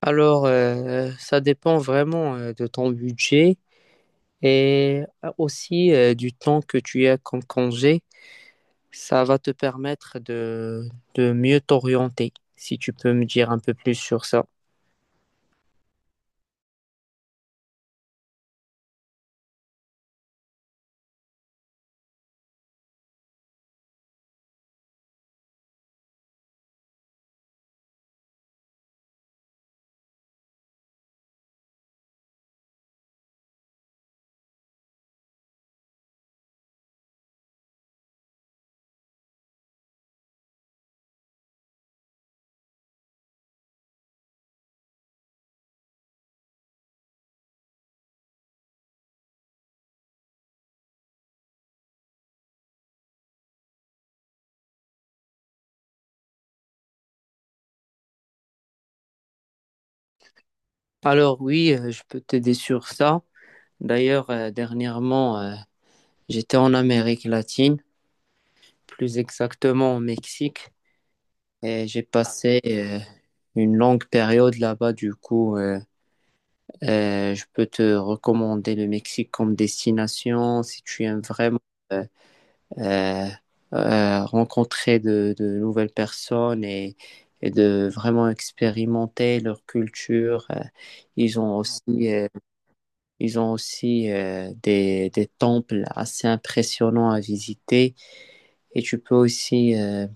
Alors, ça dépend vraiment de ton budget et aussi du temps que tu as comme congé. Ça va te permettre de mieux t'orienter, si tu peux me dire un peu plus sur ça. Alors oui, je peux t'aider sur ça. D'ailleurs, dernièrement, j'étais en Amérique latine, plus exactement au Mexique, et j'ai passé une longue période là-bas. Je peux te recommander le Mexique comme destination si tu aimes vraiment euh, euh, rencontrer de nouvelles personnes et de vraiment expérimenter leur culture. Ils ont aussi, euh, ils ont aussi des temples assez impressionnants à visiter et tu peux aussi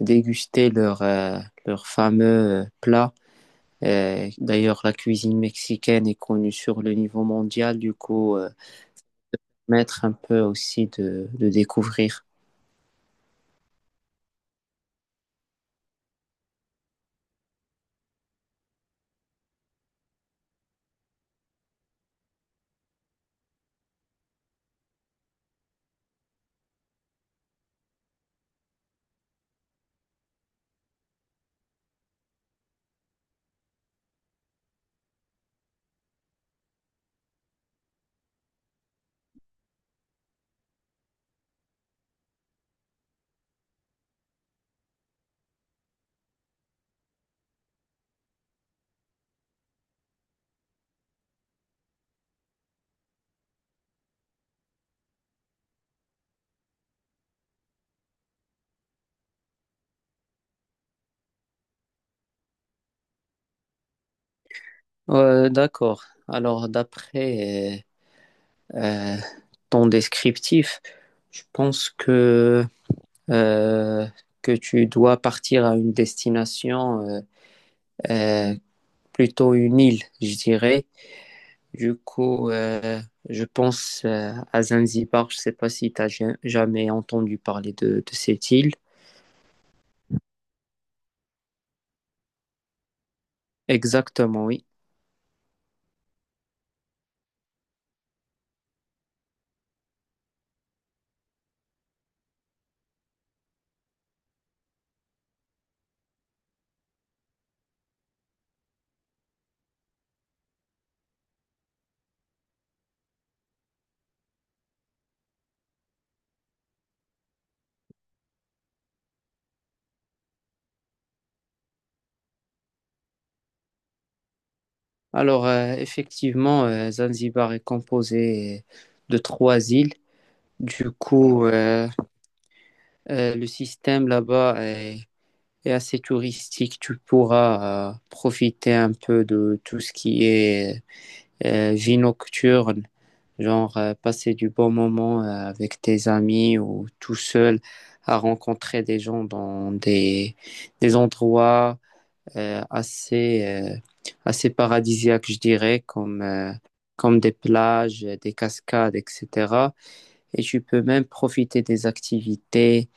déguster leur fameux plat d'ailleurs, la cuisine mexicaine est connue sur le niveau mondial, mettre un peu aussi de découvrir. D'accord. Alors, d'après euh, euh, ton descriptif, je pense euh, que tu dois partir à une destination, euh, plutôt une île, je dirais. Du coup, euh, je pense à Zanzibar. Je ne sais pas si tu as jamais entendu parler de cette île. Exactement, oui. Alors, effectivement, Zanzibar est composé de 3 îles. Du coup, euh, le système là-bas est assez touristique. Tu pourras profiter un peu de tout ce qui est vie nocturne, genre passer du bon moment avec tes amis ou tout seul à rencontrer des gens dans des endroits euh, assez, euh, assez paradisiaques, je dirais, comme des plages, des cascades, etc. Et tu peux même profiter des activités.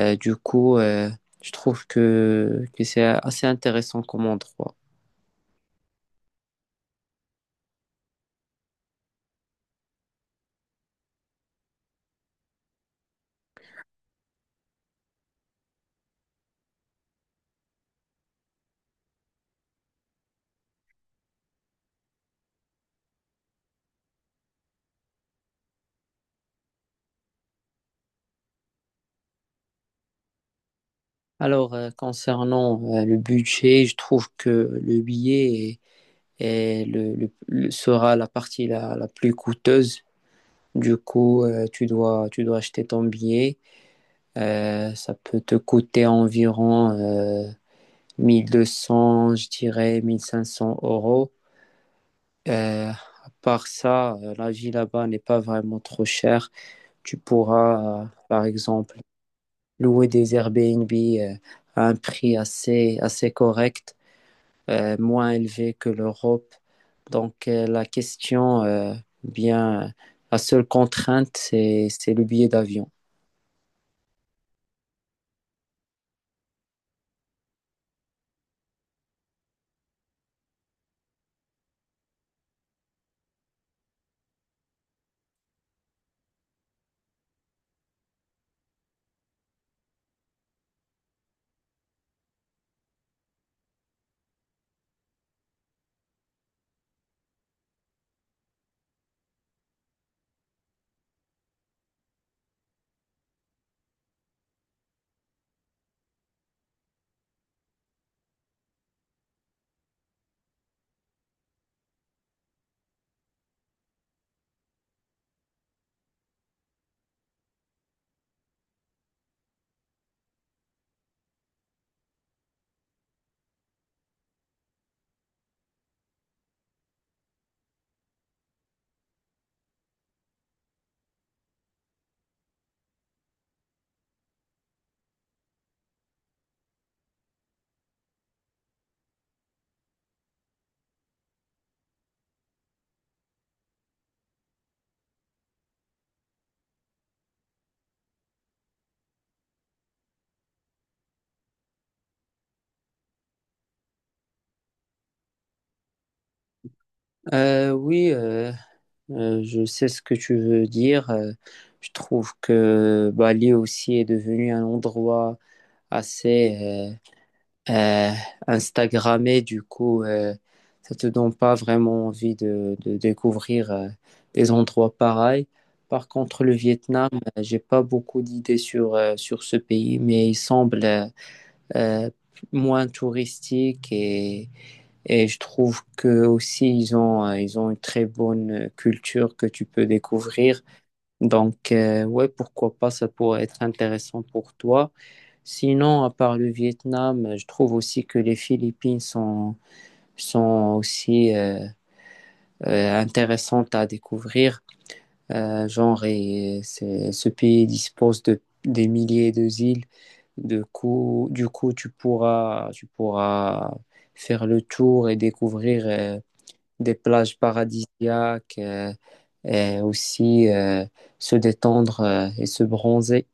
Euh, du coup, euh, je trouve que c'est assez intéressant comme endroit. Alors, concernant le budget, je trouve que le billet est- est le- sera la partie la plus coûteuse. Tu dois, tu dois acheter ton billet. Ça peut te coûter environ 1200, je dirais 1500 euros. À part ça, la vie là-bas n'est pas vraiment trop chère. Tu pourras, par exemple, louer des Airbnb à un prix assez, assez correct, moins élevé que l'Europe. Donc, la question, bien, la seule contrainte, c'est le billet d'avion. Euh, oui, euh, je sais ce que tu veux dire. Je trouve que Bali aussi est devenu un endroit assez euh, Instagrammé. Ça te donne pas vraiment envie de découvrir des endroits pareils. Par contre, le Vietnam, j'ai pas beaucoup d'idées sur ce pays, mais il semble euh, moins touristique et je trouve que aussi ils ont une très bonne culture que tu peux découvrir. Donc ouais, pourquoi pas, ça pourrait être intéressant pour toi. Sinon, à part le Vietnam, je trouve aussi que les Philippines sont aussi intéressantes à découvrir. Ce pays dispose de des milliers de îles. Du coup, tu pourras faire le tour et découvrir des plages paradisiaques et aussi se détendre et se bronzer.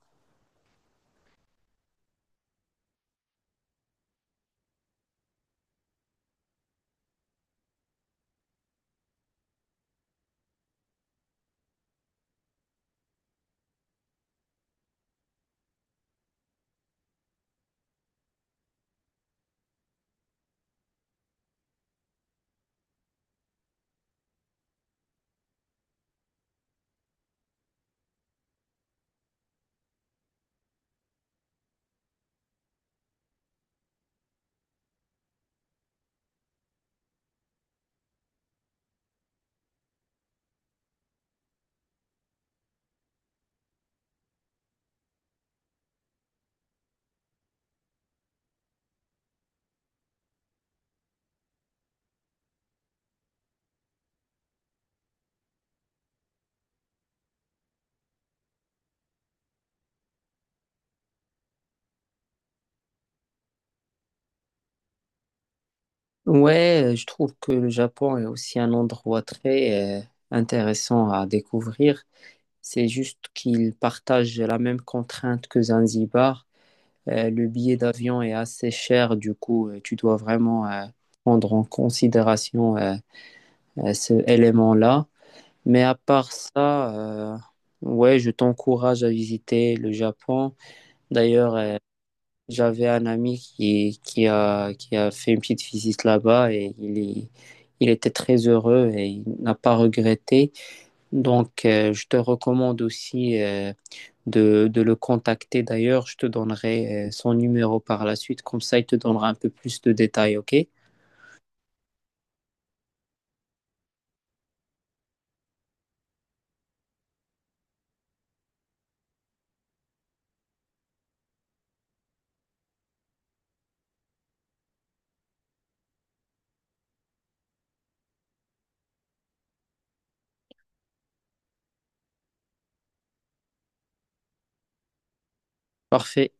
Ouais, je trouve que le Japon est aussi un endroit très intéressant à découvrir. C'est juste qu'il partage la même contrainte que Zanzibar. Le billet d'avion est assez cher, tu dois vraiment prendre en considération ce élément-là. Mais à part ça, euh, ouais, je t'encourage à visiter le Japon. D'ailleurs, j'avais un ami qui a fait une petite visite là-bas il était très heureux et il n'a pas regretté. Donc, je te recommande aussi de le contacter. D'ailleurs, je te donnerai son numéro par la suite. Comme ça, il te donnera un peu plus de détails, OK? Parfait.